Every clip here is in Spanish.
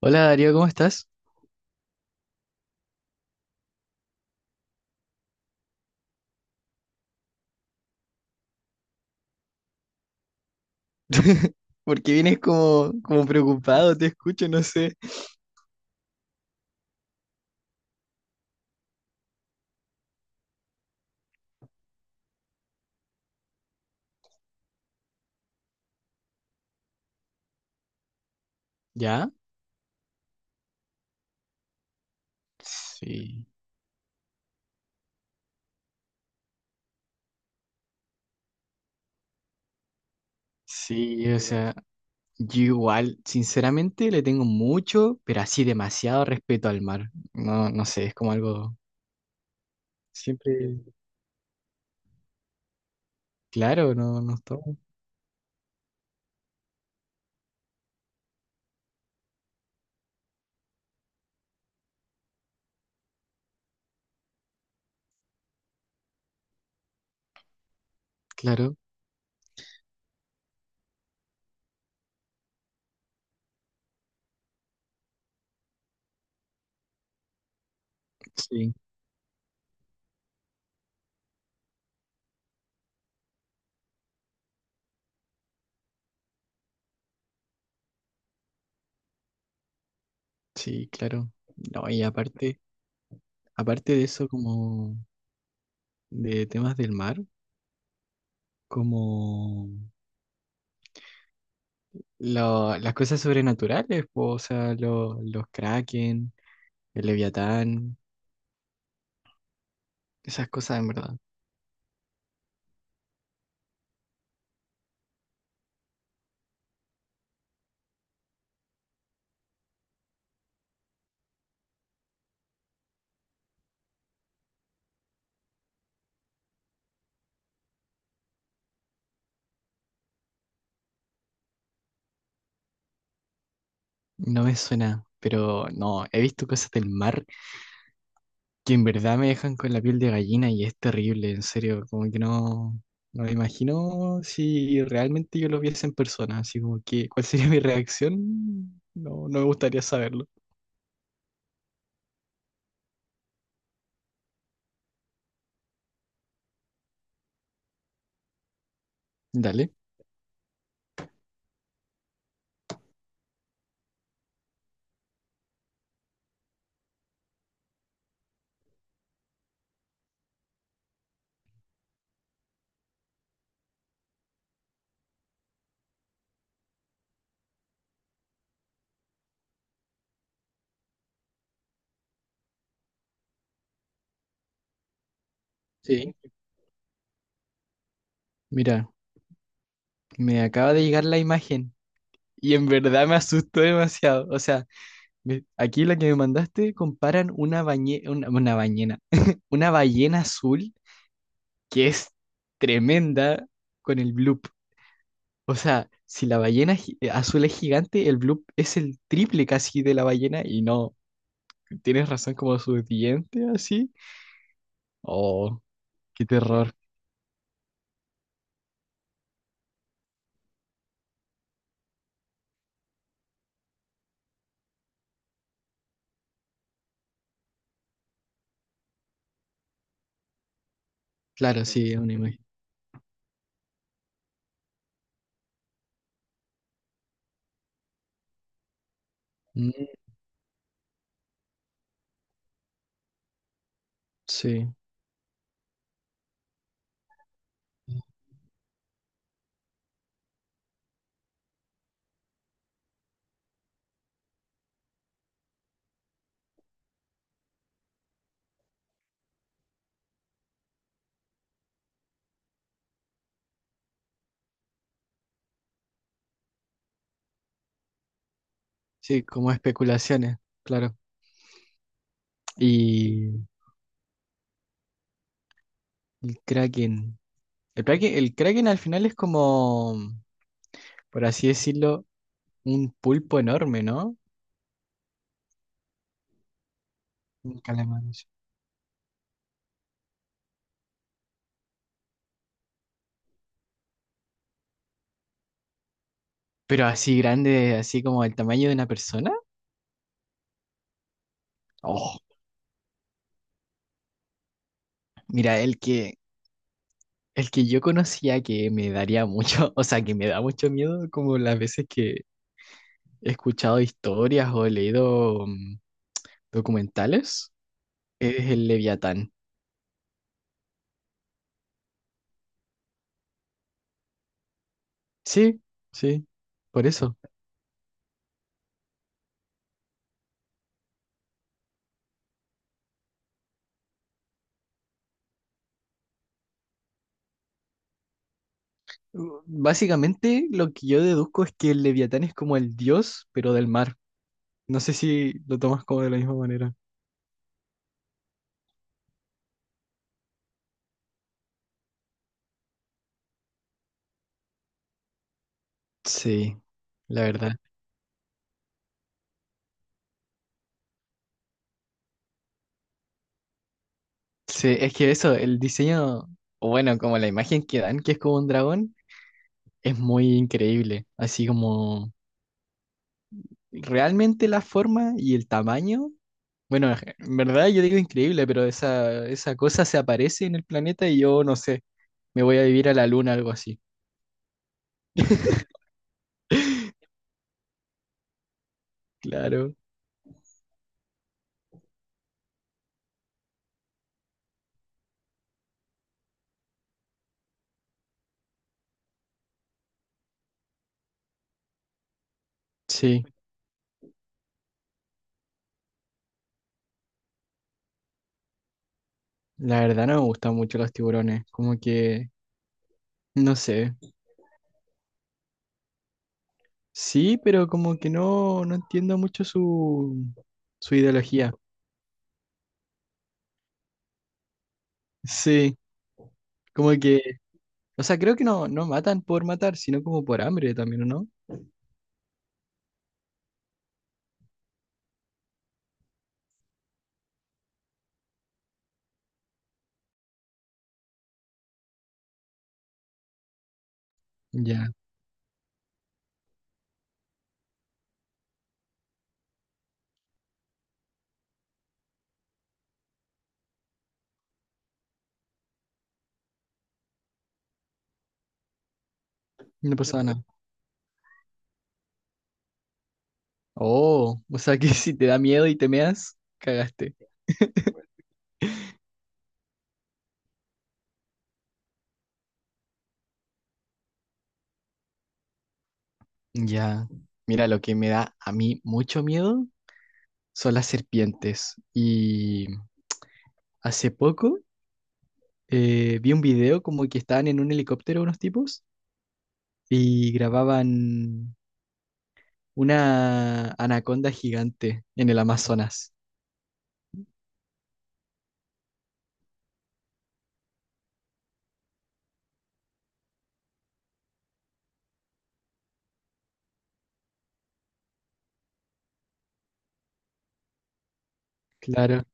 Hola Darío, ¿cómo estás? Porque vienes como preocupado, te escucho, no sé. ¿Ya? Sí, sí, o sea, yo igual, sinceramente le tengo mucho, pero así demasiado respeto al mar. No, no sé, es como algo siempre, claro, no, no tomo, claro, sí, sí, claro. No, y aparte, aparte de eso, como de temas del mar, como las cosas sobrenaturales, po, o sea, los kraken. El Leviatán, esas cosas en verdad. No me suena, pero no, he visto cosas del mar que en verdad me dejan con la piel de gallina y es terrible, en serio, como que no me imagino si realmente yo lo viese en persona, así como que, ¿cuál sería mi reacción? No, no me gustaría saberlo. Dale. Sí. Mira, me acaba de llegar la imagen y en verdad me asustó demasiado. O sea, aquí la que me mandaste comparan una bañena, una ballena azul que es tremenda con el bloop. O sea, si la azul es gigante, el bloop es el triple casi de la ballena y no, tienes razón como su diente así. Oh, qué terror. Claro, sí, es una imagen. Mm, sí, sí, como especulaciones, claro. Y el Kraken. El Kraken, el Kraken al final es como, por así decirlo, un pulpo enorme, ¿no? Un calamar. Pero así grande, así como el tamaño de una persona. Oh, mira, el que yo conocía que me daría mucho, o sea, que me da mucho miedo, como las veces que he escuchado historias o he leído documentales, es el Leviatán. Sí, sí, por eso. Básicamente lo que yo deduzco es que el Leviatán es como el dios, pero del mar. No sé si lo tomas como de la misma manera. Sí, la verdad. Sí, es que eso, el diseño, o bueno, como la imagen que dan, que es como un dragón. Es muy increíble, así como realmente la forma y el tamaño. Bueno, en verdad yo digo increíble, pero esa cosa se aparece en el planeta y yo no sé, me voy a vivir a la luna, algo así. Claro, sí. La verdad no me gustan mucho los tiburones, como que, no sé. Sí, pero como que no entiendo mucho su ideología. Sí, como que, o sea, creo que no matan por matar, sino como por hambre también, ¿o no? Ya, no pasaba nada. Oh, o sea que si te da miedo y te meas, cagaste. Ya. Mira, lo que me da a mí mucho miedo son las serpientes. Y hace poco vi un video como que estaban en un helicóptero unos tipos y grababan una anaconda gigante en el Amazonas. Claro.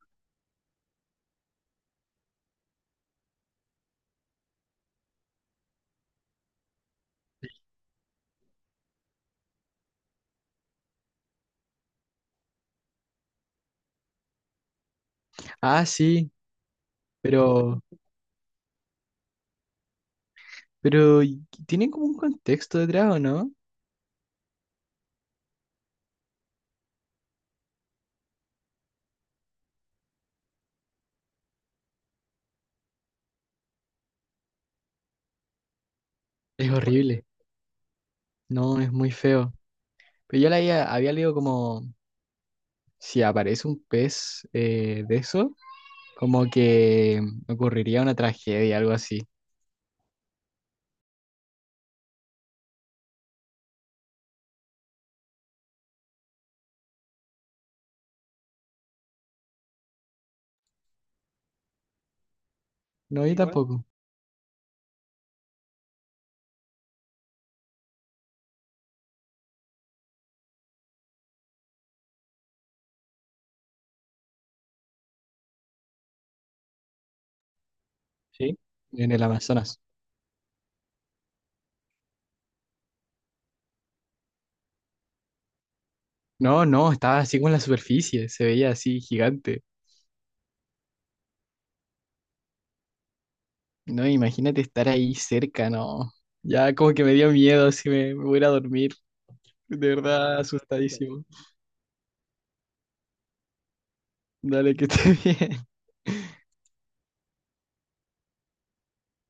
Ah, sí, pero, tienen como un contexto detrás, ¿o no? Es horrible. No, es muy feo. Pero yo había leído como si aparece un pez de eso, como que ocurriría una tragedia, algo así. No, yo igual tampoco. Sí. En el Amazonas. No, no, estaba así con la superficie, se veía así gigante. No, imagínate estar ahí cerca, no. Ya como que me dio miedo, si me, me voy a ir a dormir, de verdad. Ah, asustadísimo. Dale, que esté bien.